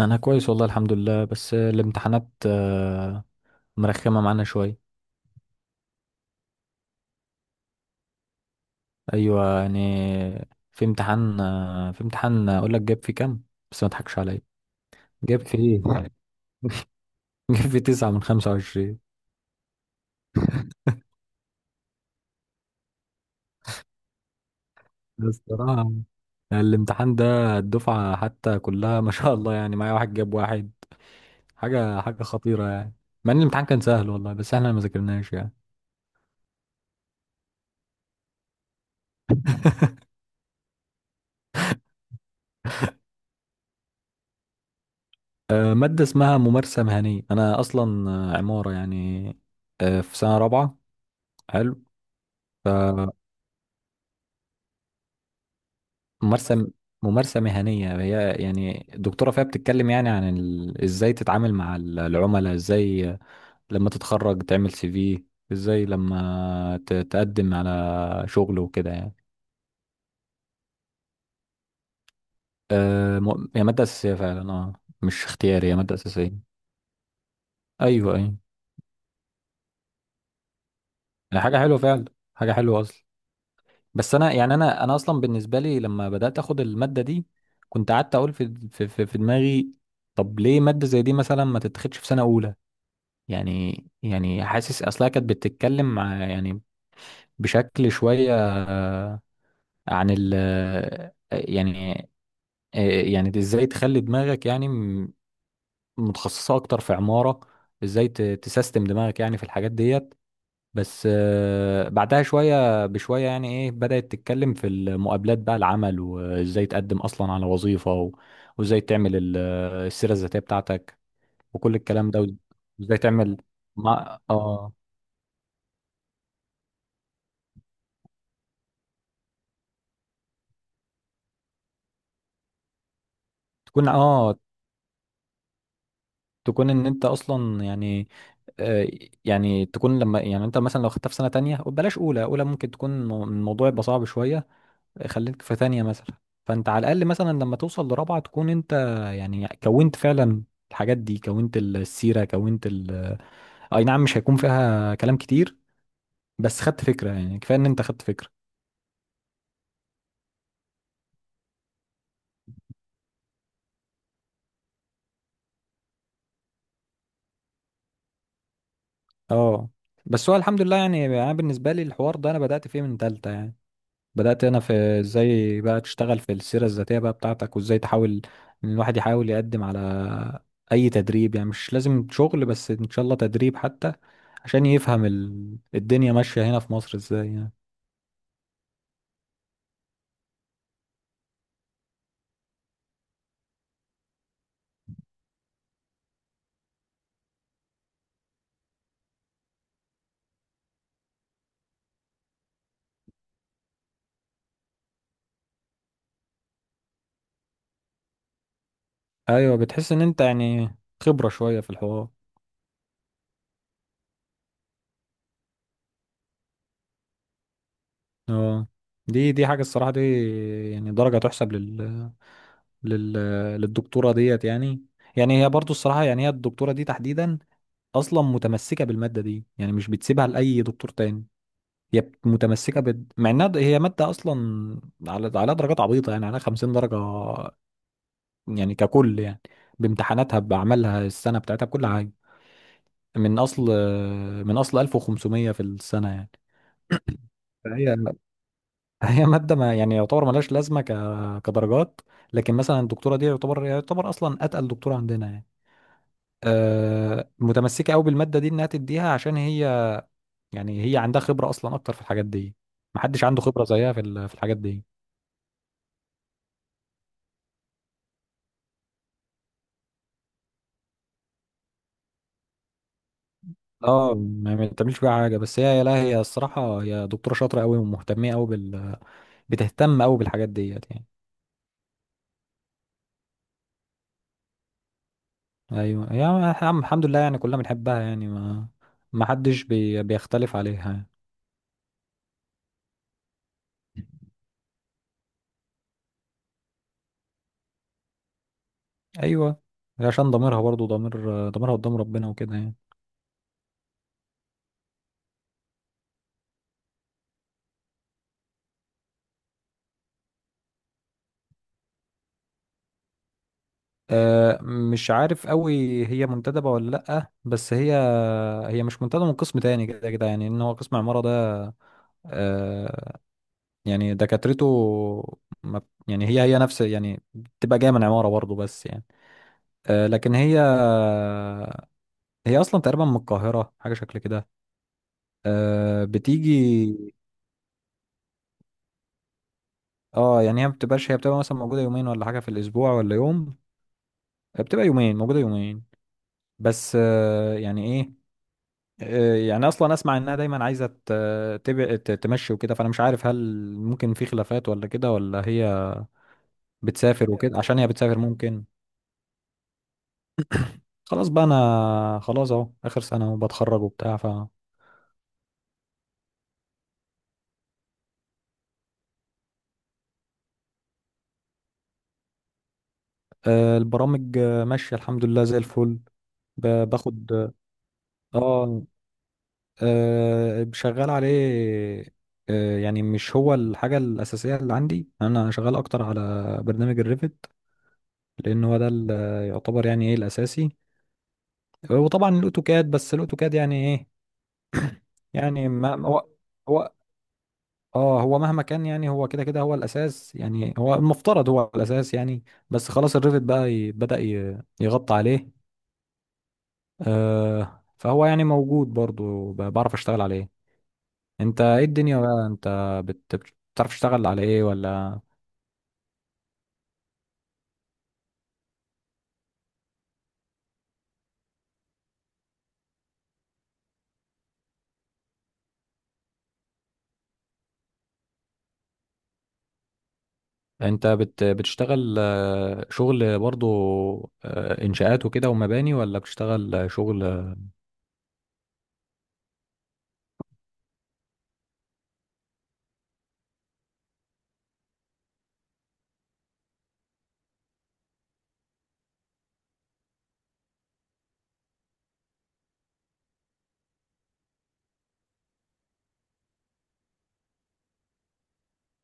انا كويس والله الحمد لله. بس الامتحانات مرخمه معانا شويه. ايوه يعني. في امتحان اقول لك جاب فيه كام، بس ما تضحكش عليا. جاب فيه جاب فيه تسعة من خمسة وعشرين. الصراحة الامتحان ده الدفعة حتى كلها ما شاء الله، يعني معايا واحد جاب واحد. حاجة خطيرة يعني. مع ان الامتحان كان سهل والله، بس احنا ما ذاكرناش يعني. مادة اسمها ممارسة مهنية. أنا أصلا عمارة يعني، في سنة رابعة. حلو. فممارسة ممارسة مهنية هي، يعني الدكتورة فيها بتتكلم يعني عن ازاي تتعامل مع العملاء، ازاي لما تتخرج تعمل سي في، ازاي تقدم على شغل وكده يعني. هي مادة أساسية فعلا. اه مش اختياري، هي مادة أساسية. أيوه. هي حاجة حلوة فعلا، حاجة حلوة أصلا. بس أنا يعني أنا أصلا بالنسبة لي لما بدأت أخد المادة دي، كنت قعدت أقول في دماغي، طب ليه مادة زي دي مثلا ما تتاخدش في سنة أولى؟ يعني حاسس اصلها كانت بتتكلم مع يعني بشكل شوية، عن ال آه، يعني، يعني ازاي تخلي دماغك يعني متخصصة اكتر في عمارة، ازاي تسيستم دماغك يعني في الحاجات ديت. بس بعدها شوية بشوية يعني ايه، بدأت تتكلم في المقابلات بقى، العمل، وازاي تقدم اصلا على وظيفة، وازاي تعمل السيرة الذاتية بتاعتك، وكل الكلام ده، وازاي تعمل مع اه. تكون اه تكون ان انت اصلا يعني، آه، يعني تكون لما يعني انت مثلا لو خدتها في سنه تانية، بلاش اولى، ممكن تكون الموضوع يبقى صعب شويه. خليك في تانية مثلا، فانت على الاقل مثلا لما توصل لرابعه تكون انت يعني كونت فعلا الحاجات دي، كونت السيره، كونت ال، اي نعم مش هيكون فيها كلام كتير، بس خدت فكره، يعني كفايه ان انت خدت فكره. اه بس هو الحمد لله يعني، انا بالنسبه لي الحوار ده انا بدات فيه من تالتة يعني. بدأت أنا في إزاي بقى تشتغل في السيرة الذاتية بقى بتاعتك، وإزاي تحاول إن الواحد يحاول يقدم على أي تدريب. يعني مش لازم شغل، بس إن شاء الله تدريب حتى، عشان يفهم الدنيا ماشية هنا في مصر إزاي يعني. أيوة، بتحس إن أنت يعني خبرة شوية في الحوار. أه، دي حاجة الصراحة، دي يعني درجة تحسب لل... للدكتورة ديت يعني. يعني هي برضو الصراحة، يعني هي الدكتورة دي تحديدا أصلا متمسكة بالمادة دي، يعني مش بتسيبها لأي دكتور تاني. هي متمسكه مع انها هي ماده اصلا على على درجات عبيطه، يعني على 50 درجه يعني ككل يعني، بامتحاناتها، باعمالها السنه بتاعتها، بكل حاجه، من اصل من اصل 1500 في السنه يعني. فهي هي ماده ما يعني يعتبر ملهاش لازمه كدرجات، لكن مثلا الدكتوره دي يعتبر اصلا اتقل دكتوره عندنا يعني. متمسكه قوي بالماده دي انها تديها، عشان هي يعني هي عندها خبره اصلا اكتر في الحاجات دي. محدش عنده خبره زيها في في الحاجات دي. اه ما بتعملش فيها حاجه، بس هي لا، هي الصراحه هي دكتوره شاطره قوي ومهتمه قوي بال، بتهتم قوي بالحاجات ديت يعني. ايوه يا عم الحمد لله، يعني كلنا بنحبها يعني، ما حدش بيختلف عليها يعني. ايوه، عشان ضميرها برضو، ضميرها قدام ربنا وكده يعني. أه مش عارف قوي هي منتدبه ولا لا، بس هي هي مش منتدبه من قسم تاني، كده كده يعني، ان هو قسم عماره ده آه، يعني دكاترته ما بت- يعني هي نفس يعني بتبقى جايه من عماره برضه بس يعني. آه لكن هي هي اصلا تقريبا من القاهره حاجه شكل كده. آه بتيجي. اه يعني هي ما بتبقاش، هي بتبقى مثلا موجوده يومين ولا حاجه في الاسبوع، ولا يوم، بتبقى يومين، موجوده يومين. بس آه يعني ايه، آه يعني اصلا اسمع انها دايما عايزه تمشي وكده، فانا مش عارف هل ممكن في خلافات ولا كده، ولا هي بتسافر وكده. عشان هي بتسافر ممكن. خلاص بقى، انا خلاص اهو اخر سنه وبتخرج وبتاع. ف البرامج ماشيه الحمد لله زي الفل. باخد اه شغال عليه. يعني مش هو الحاجه الاساسيه اللي عندي، انا شغال اكتر على برنامج الريفت، لان هو ده اللي يعتبر يعني ايه الاساسي. وطبعا الاوتوكاد، بس الاوتوكاد يعني ايه يعني ما هو اه، هو مهما كان يعني، هو كده كده هو الاساس يعني، هو المفترض هو الاساس يعني، بس خلاص الريفت بقى بدأ يغطي عليه. آه فهو يعني موجود برضو، بعرف اشتغل عليه. انت ايه الدنيا بقى؟ انت بتعرف تشتغل على ايه ولا؟ انت بتشتغل شغل برضو انشاءات وكده ومباني، ولا بتشتغل شغل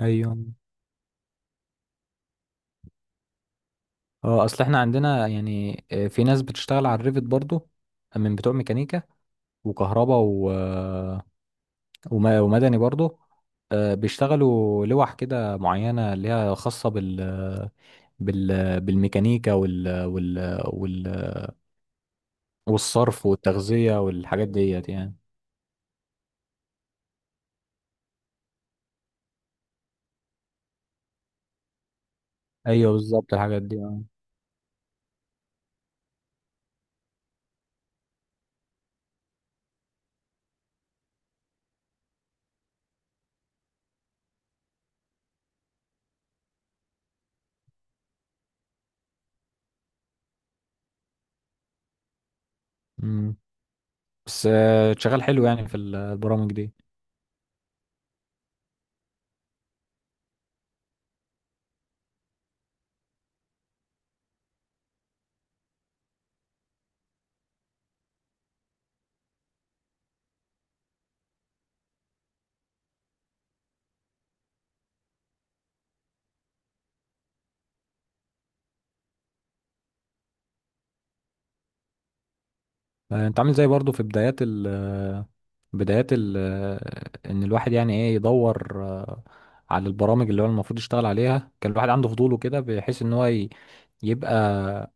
ايوه؟ اه اصل احنا عندنا يعني في ناس بتشتغل على الريفت برضو، من بتوع ميكانيكا، وكهرباء، ومدني برضه. بيشتغلوا لوح كده معينة اللي هي خاصة بال، بالميكانيكا وال والصرف والتغذية والحاجات ديت يعني. ايوه بالظبط الحاجات دي آه. مم. بس شغال حلو يعني في البرامج دي. انت عامل زي برضه في بدايات ال، ان الواحد يعني ايه يدور على البرامج اللي هو المفروض يشتغل عليها. كان الواحد عنده فضوله كده، بحيث ان هو يبقى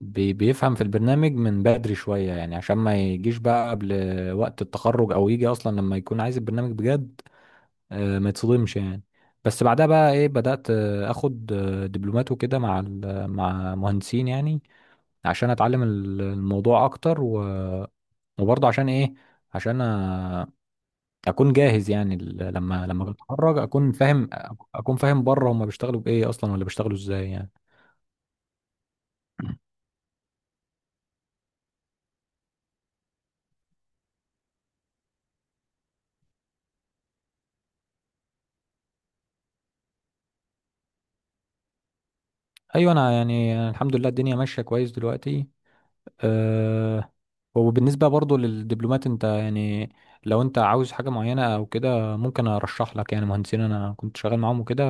بيفهم في البرنامج من بدري شوية يعني، عشان ما يجيش بقى قبل وقت التخرج، أو يجي أصلا لما يكون عايز البرنامج بجد، ما يتصدمش يعني. بس بعدها بقى إيه، بدأت آخد دبلومات وكده مع مع مهندسين يعني، عشان أتعلم الموضوع أكتر وبرضه عشان إيه، عشان أكون جاهز يعني لما أتخرج أكون فاهم. أكون فاهم بره هما بيشتغلوا بإيه أصلا، ولا بيشتغلوا إزاي يعني. أيوة، أنا يعني الحمد لله الدنيا ماشية كويس دلوقتي. أه، وبالنسبة برضو للدبلومات، انت يعني لو انت عاوز حاجة معينة او كده، ممكن ارشح لك يعني مهندسين انا كنت شغال معاهم وكده.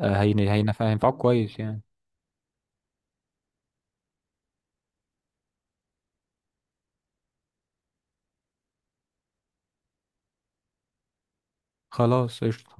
أه هينفعوك كويس يعني. خلاص قشطة.